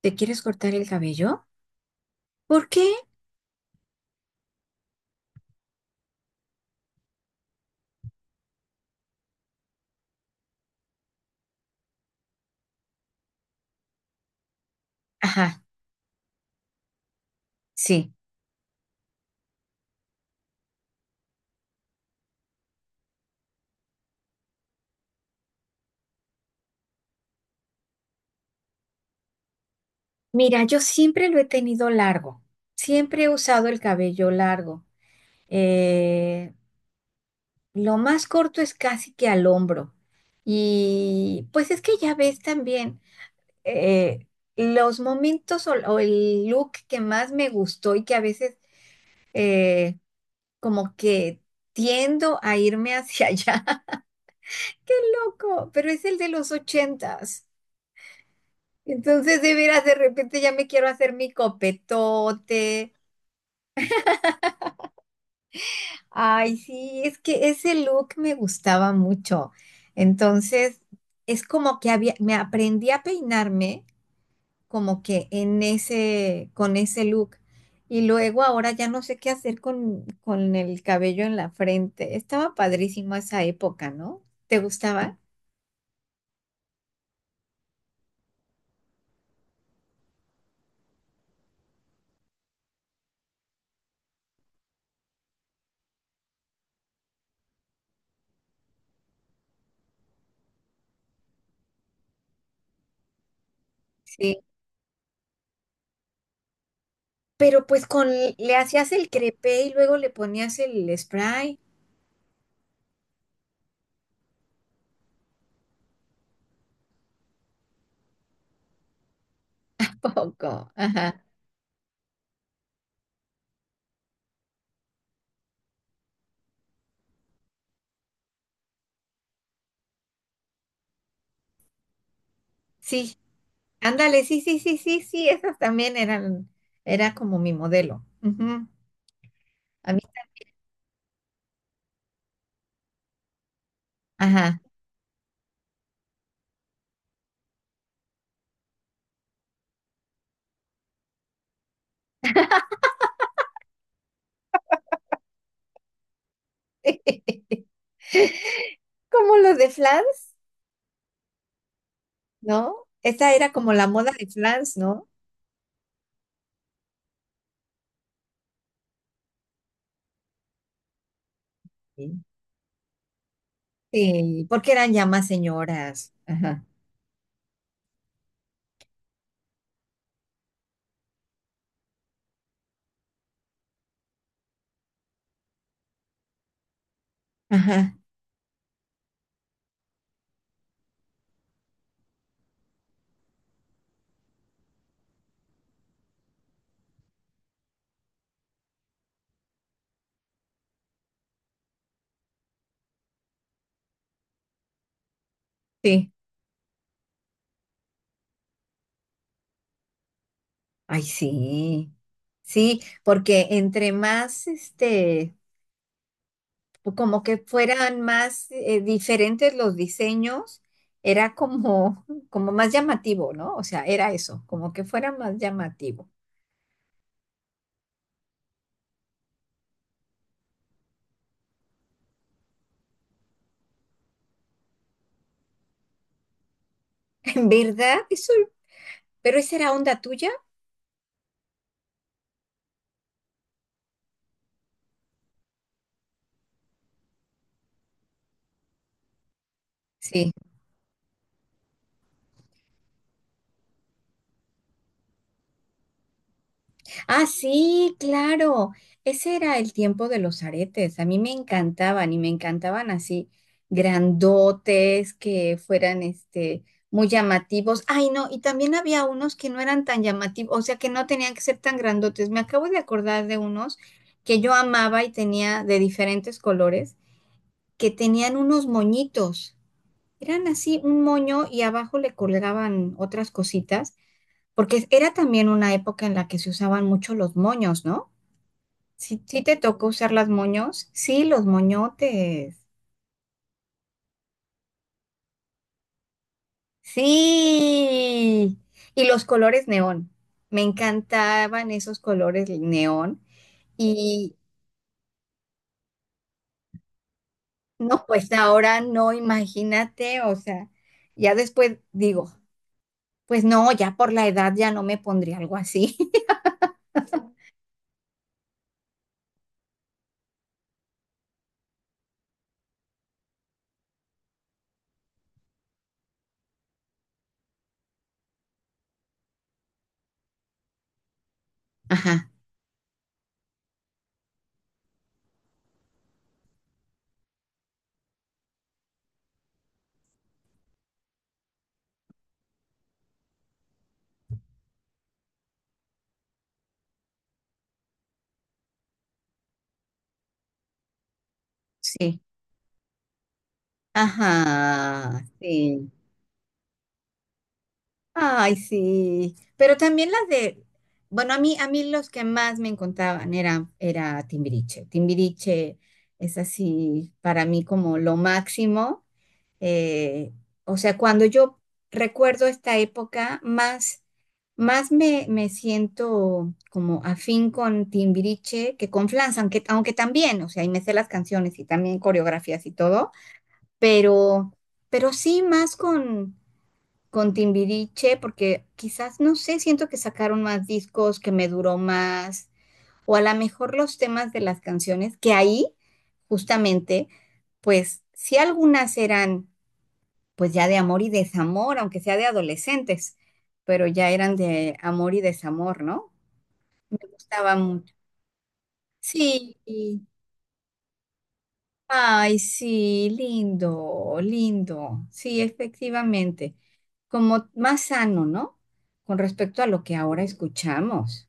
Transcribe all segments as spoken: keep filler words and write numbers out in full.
¿Te quieres cortar el cabello? ¿Por qué? Ajá, sí. Mira, yo siempre lo he tenido largo. Siempre he usado el cabello largo. Eh, lo más corto es casi que al hombro. Y pues es que ya ves también eh, los momentos o, o el look que más me gustó y que a veces eh, como que tiendo a irme hacia allá. ¡Qué loco! Pero es el de los ochentas. Entonces, de veras, de repente ya me quiero hacer mi copetote. Ay, sí, es que ese look me gustaba mucho. Entonces, es como que había, me aprendí a peinarme como que en ese, con ese look. Y luego ahora ya no sé qué hacer con, con el cabello en la frente. Estaba padrísimo esa época, ¿no? ¿Te gustaba? Sí. Pero pues con, le hacías el crepé y luego le ponías el spray. Poco. Ajá. Sí, ándale, sí, sí, sí, sí, sí, esas también eran, era como mi modelo. Ujú. A mí, ajá. Como los de Flans, ¿no? Esa era como la moda de Flans, ¿no? Sí. Sí, porque eran ya más señoras. Ajá, ajá, sí. Ay, sí. Sí, porque entre más, este, pues, como que fueran más eh, diferentes los diseños, era como, como más llamativo, ¿no? O sea, era eso, como que fuera más llamativo. ¿En verdad? Eso, pero esa era onda tuya. Sí. Ah, sí, claro. Ese era el tiempo de los aretes. A mí me encantaban y me encantaban así grandotes que fueran este muy llamativos. Ay, no, y también había unos que no eran tan llamativos, o sea, que no tenían que ser tan grandotes. Me acabo de acordar de unos que yo amaba y tenía de diferentes colores, que tenían unos moñitos. Eran así un moño y abajo le colgaban otras cositas, porque era también una época en la que se usaban mucho los moños, ¿no? Sí, sí te tocó usar las moños. Sí, los moñotes. Sí. Y los colores neón. Me encantaban esos colores neón. Y no, pues ahora no, imagínate, o sea, ya después digo, pues no, ya por la edad ya no me pondría algo así. Ajá, sí. Ajá, sí. Ay, sí. Pero también las de, bueno, a mí, a mí los que más me encantaban eran, era Timbiriche. Timbiriche es así para mí como lo máximo. Eh, o sea, cuando yo recuerdo esta época, más, más me, me siento como afín con Timbiriche que con Flans, aunque, aunque también, o sea, y me sé las canciones y también coreografías y todo, pero, pero sí más con con Timbiriche, porque quizás, no sé, siento que sacaron más discos, que me duró más, o a lo mejor los temas de las canciones, que ahí, justamente, pues sí algunas eran pues ya de amor y desamor, aunque sea de adolescentes, pero ya eran de amor y desamor, ¿no? Me gustaba mucho. Sí, ay, sí, lindo, lindo. Sí, efectivamente. Como más sano, ¿no? Con respecto a lo que ahora escuchamos.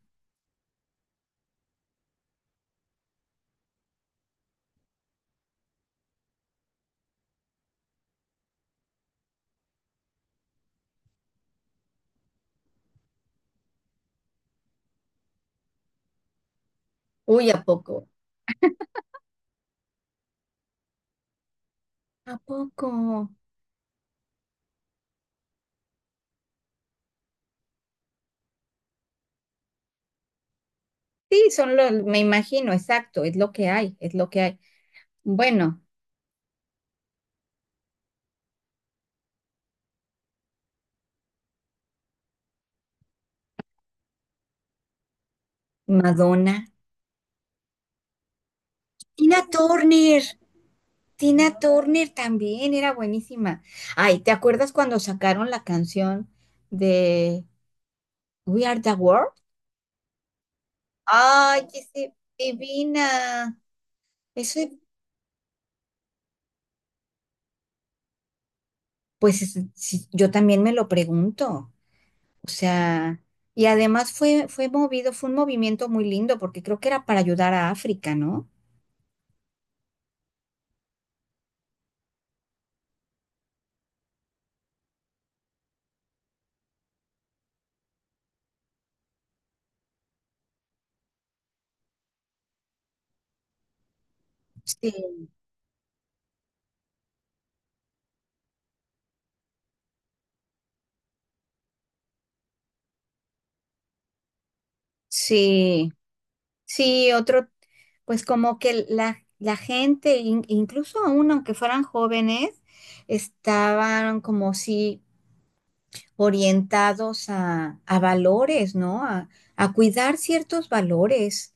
Uy, ¿a poco? ¿A poco? Sí, son los, me imagino, exacto, es lo que hay, es lo que hay. Bueno, Madonna. Tina Turner, Tina Turner también era buenísima. Ay, ¿te acuerdas cuando sacaron la canción de We Are the World? Ay, qué se divina. Eso pues es- sí, yo también me lo pregunto, o sea, y además fue, fue movido, fue un movimiento muy lindo porque creo que era para ayudar a África, ¿no? Sí, sí, sí, otro, pues como que la, la gente, in- incluso aún aunque fueran jóvenes, estaban como si orientados a, a valores, ¿no? A, a cuidar ciertos valores,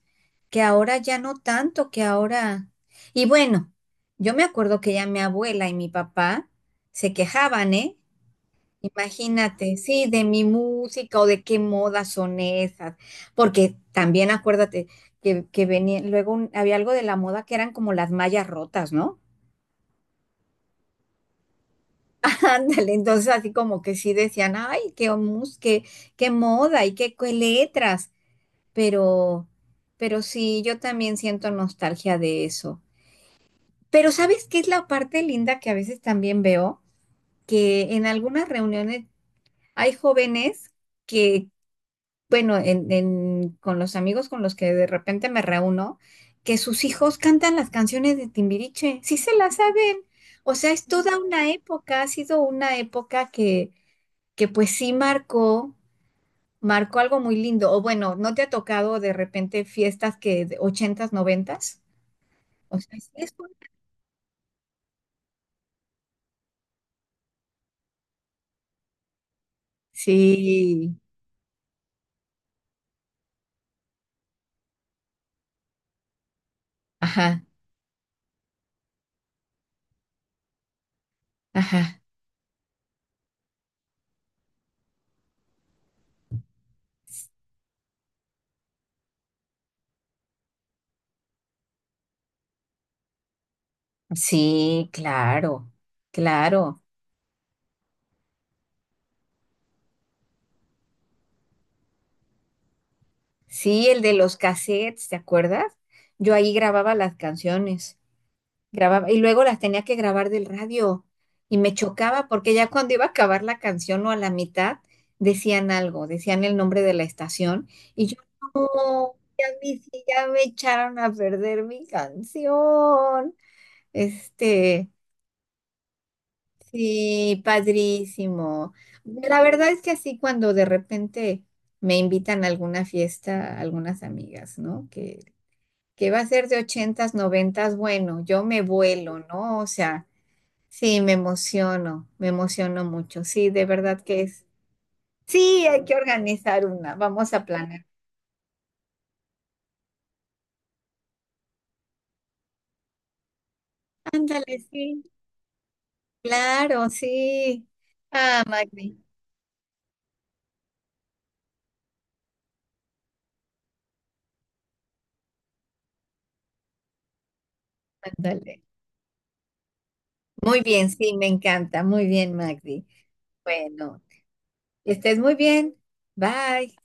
que ahora ya no tanto, que ahora... Y bueno, yo me acuerdo que ya mi abuela y mi papá se quejaban, ¿eh? Imagínate, sí, de mi música o de qué modas son esas, porque también acuérdate que, que venía, luego un- había algo de la moda que eran como las mallas rotas, ¿no? Ándale, entonces así como que sí decían, ay, qué mus, qué, qué moda y qué, qué letras, pero, pero sí, yo también siento nostalgia de eso. Pero ¿sabes qué es la parte linda que a veces también veo? Que en algunas reuniones hay jóvenes que, bueno, en, en- con los amigos con los que de repente me reúno, que sus hijos cantan las canciones de Timbiriche, sí se las saben. O sea, es toda una época, ha sido una época que que pues sí marcó, marcó algo muy lindo. O bueno, ¿no te ha tocado de repente fiestas que de ochentas, noventas? O sea, sí, es un- sí, ajá, ajá. Sí, claro, claro. Sí, el de los cassettes, ¿te acuerdas? Yo ahí grababa las canciones. Grababa, y luego las tenía que grabar del radio y me chocaba porque ya cuando iba a acabar la canción o a la mitad decían algo, decían el nombre de la estación y yo no, ya me, ya me echaron a perder mi canción. Este, sí, padrísimo. La verdad es que así cuando de repente me invitan a alguna fiesta, algunas amigas, ¿no? Que, que va a ser de ochentas, noventas, bueno, yo me vuelo, ¿no? O sea sí, me emociono, me emociono mucho. Sí, de verdad que es. Sí, hay que organizar una. Vamos a planear. Ándale, sí, claro, sí. Ah, Magdi, ándale. Muy bien, sí, me encanta. Muy bien, Magdi. Bueno, que estés muy bien. Bye.